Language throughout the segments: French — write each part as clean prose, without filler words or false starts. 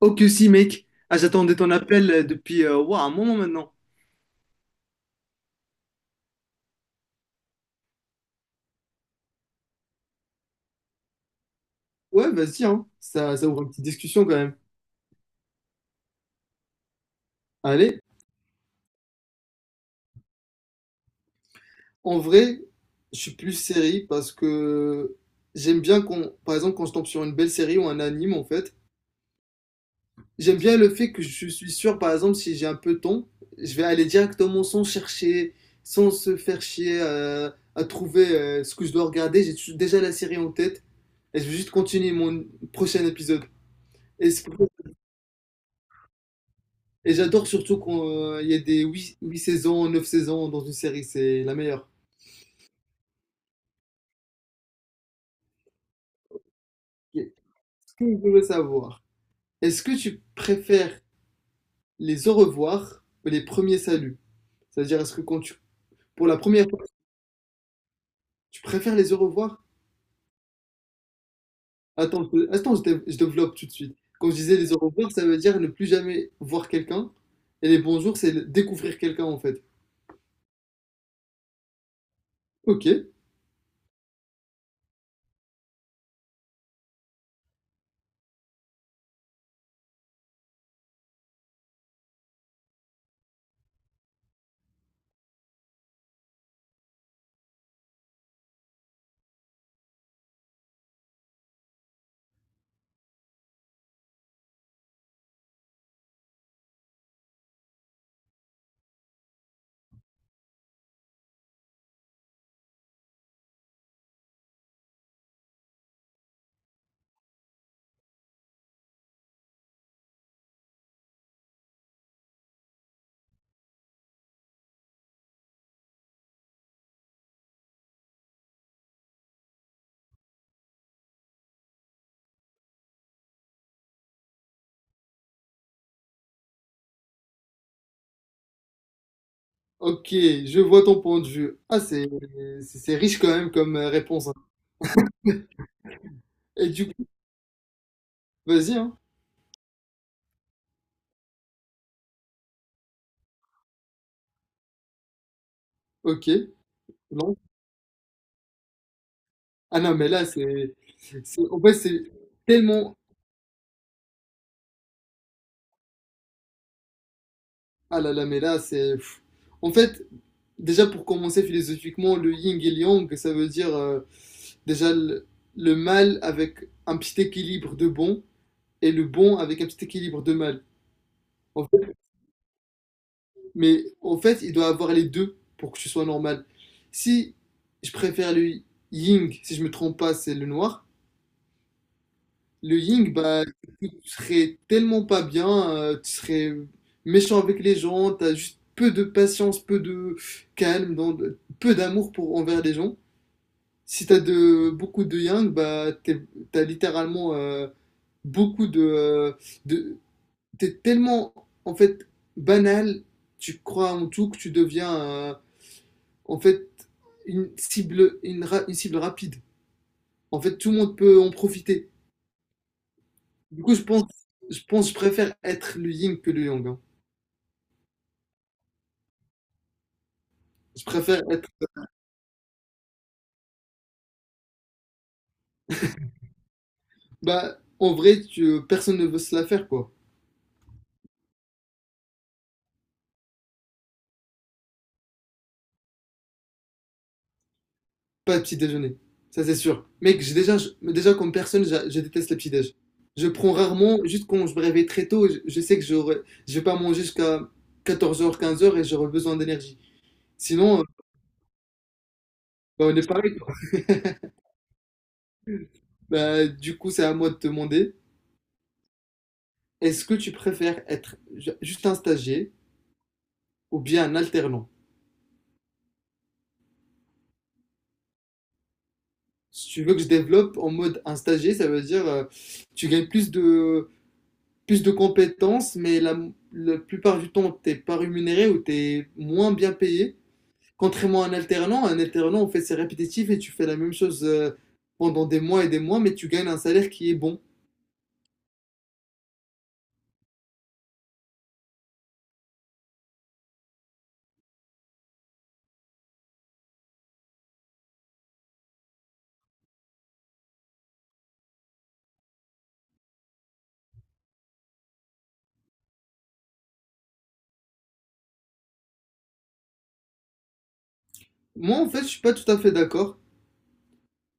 Oh que si, mec. Ah, j'attendais ton appel depuis ouah, un moment maintenant. Ouais, vas-y, hein. Ça ouvre une petite discussion quand même. Allez, en vrai, je suis plus série parce que j'aime bien qu'on, par exemple, quand je tombe sur une belle série ou un anime, en fait, j'aime bien le fait que je suis sûr, par exemple, si j'ai un peu de temps, je vais aller directement sans chercher, sans se faire chier à trouver ce que je dois regarder. J'ai déjà la série en tête et je vais juste continuer mon prochain épisode. Est-ce que Et j'adore surtout qu'il y ait des 8 saisons, 9 saisons dans une série, c'est la meilleure. Et Ce que je voulais savoir, est-ce que tu préfères les au revoir ou les premiers saluts? C'est-à-dire, est-ce que quand tu, pour la première fois, tu préfères les au revoir? Attends, attends, je développe tout de suite. Quand je disais les au revoir, ça veut dire ne plus jamais voir quelqu'un. Et les bonjours, c'est découvrir quelqu'un, en fait. Ok, ok, je vois ton point de vue. Ah, c'est riche quand même comme réponse, hein. Et du coup, vas-y, hein. Ok. Non? Ah non, mais là, c'est. En fait, c'est tellement. Ah là là, mais là, c'est. Pff. En fait, déjà pour commencer philosophiquement, le yin et le yang, ça veut dire déjà le mal avec un petit équilibre de bon et le bon avec un petit équilibre de mal. En fait, mais en fait, il doit avoir les deux pour que ce soit normal. Si je préfère le yin, si je me trompe pas, c'est le noir. Le Ying, bah, tu serais tellement pas bien, tu serais méchant avec les gens, t'as juste peu de patience, peu de calme, donc peu d'amour pour envers les gens. Si t'as de beaucoup de Yang, bah, t'as littéralement beaucoup de, t'es tellement en fait banal, tu crois en tout que tu deviens en fait une cible, une cible rapide. En fait, tout le monde peut en profiter. Du coup, je pense, je préfère être le yin que le yang, hein. Je préfère être. Bah, en vrai, personne ne veut se la faire, quoi. Pas le petit déjeuner. Ça, c'est sûr. Mec, j'ai déjà, déjà, comme personne, je déteste le petit déj. Je prends rarement, juste quand je me réveille très tôt, je sais que je vais pas manger jusqu'à 14 heures, 15 heures, et j'aurai besoin d'énergie. Sinon, bah, on est pareil, quoi. Bah, du coup, c'est à moi de te demander, est-ce que tu préfères être juste un stagiaire ou bien un alternant? Si tu veux que je développe en mode un stagiaire, ça veut dire tu gagnes plus de compétences, mais la plupart du temps, t'es pas rémunéré ou t'es moins bien payé. Contrairement à un alternant, on fait ses répétitifs et tu fais la même chose pendant des mois et des mois, mais tu gagnes un salaire qui est bon. Moi, en fait, je suis pas tout à fait d'accord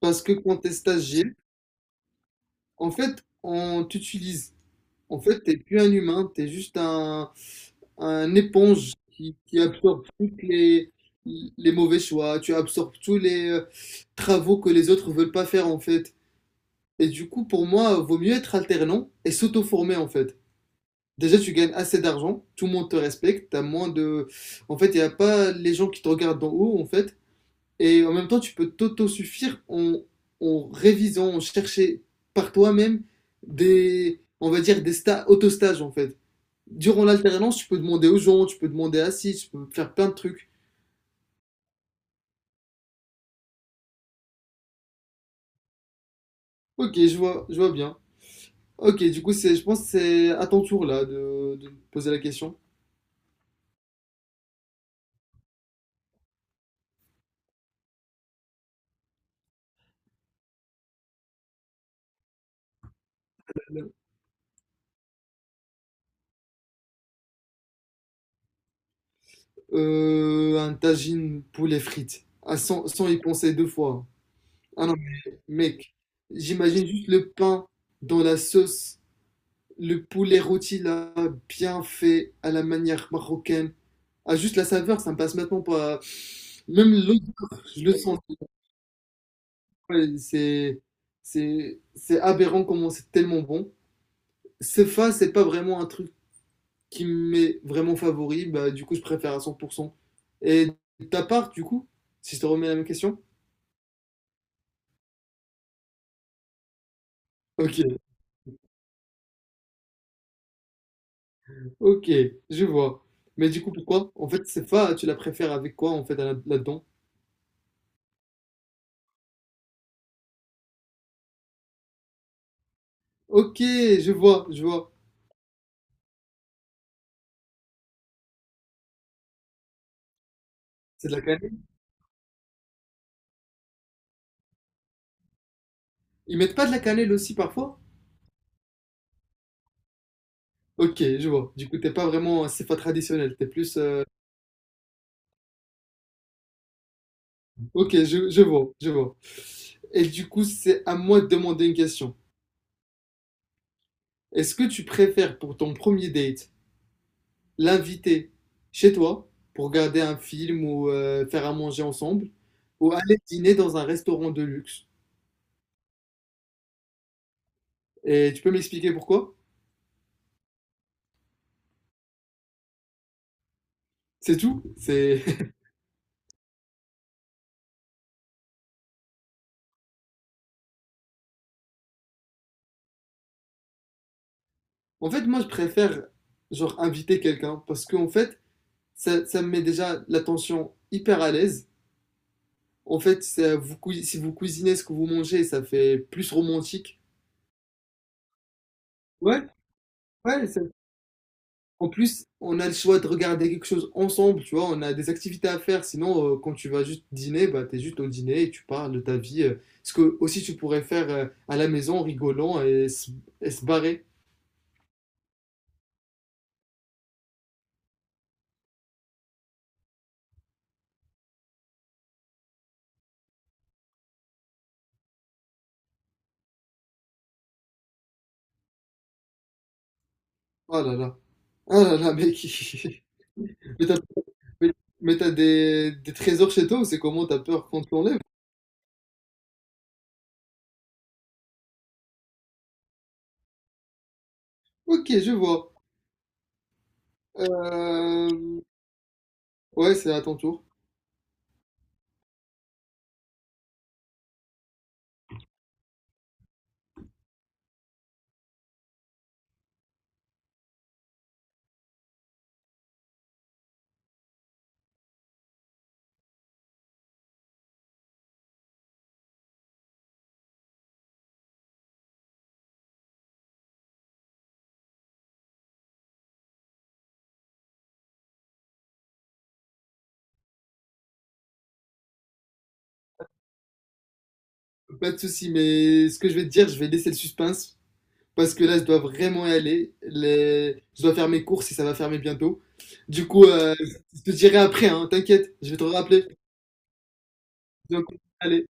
parce que quand t'es stagiaire, en fait, on t'utilise. En fait, t'es plus un humain, t'es juste un éponge qui absorbe toutes les mauvais choix, tu absorbes tous les travaux que les autres veulent pas faire en fait. Et du coup, pour moi, vaut mieux être alternant et s'auto-former en fait. Déjà, tu gagnes assez d'argent, tout le monde te respecte, t'as moins de... En fait, il n'y a pas les gens qui te regardent d'en haut en fait. Et en même temps, tu peux t'auto-suffire en révisant, en chercher par toi-même des, on va dire, des auto-stages en fait durant l'alternance, tu peux demander aux gens, tu peux demander assis, tu peux faire plein de trucs. Ok, je vois bien. Ok, du coup, je pense que c'est à ton tour là de poser la question. Un tagine poulet frites. Ah, sans y penser deux fois. Ah non, mais, mec, j'imagine juste le pain dans la sauce, le poulet rôti là, bien fait, à la manière marocaine. Ah, juste la saveur, ça me passe maintenant pas. Même l'odeur, je le sens. Ouais, c'est aberrant comment c'est tellement bon. CEFA, c'est pas vraiment un truc qui m'est vraiment favori. Bah, du coup, je préfère à 100%. Et ta part, du coup, si je te remets la même question? Ok, ok, je vois. Mais du coup, pourquoi? En fait, CEFA, tu la préfères avec quoi, en fait, là-dedans? Ok, je vois, je vois. C'est de la cannelle? Ils mettent pas de la cannelle aussi, parfois? Ok, je vois. Du coup, t'es pas vraiment un CEFA traditionnel. T'es plus. Ok, je vois, je vois. Et du coup, c'est à moi de demander une question. Est-ce que tu préfères pour ton premier date l'inviter chez toi pour regarder un film ou faire à manger ensemble ou aller dîner dans un restaurant de luxe? Et tu peux m'expliquer pourquoi? C'est tout? C'est... En fait, moi, je préfère genre inviter quelqu'un parce qu'en fait, ça me met déjà l'attention hyper à l'aise. En fait, si vous cuisinez ce que vous mangez, ça fait plus romantique. Ouais, ouais. En plus, on a le choix de regarder quelque chose ensemble, tu vois, on a des activités à faire. Sinon, quand tu vas juste dîner, bah, t'es juste au dîner et tu parles de ta vie, ce que aussi tu pourrais faire à la maison en rigolant et se barrer. Oh là là. Oh là là, mec. Mais t'as, mais- mais t'as des trésors chez toi ou c'est comment t'as peur qu'on te l'enlève? Ok, je vois. Euh, Ouais, c'est à ton tour. Pas de souci, mais ce que je vais te dire, je vais laisser le suspense. Parce que là, je dois vraiment y aller. Je dois faire mes courses et ça va fermer bientôt. Du coup, je te dirai après, hein, t'inquiète, je vais te rappeler. Donc, allez.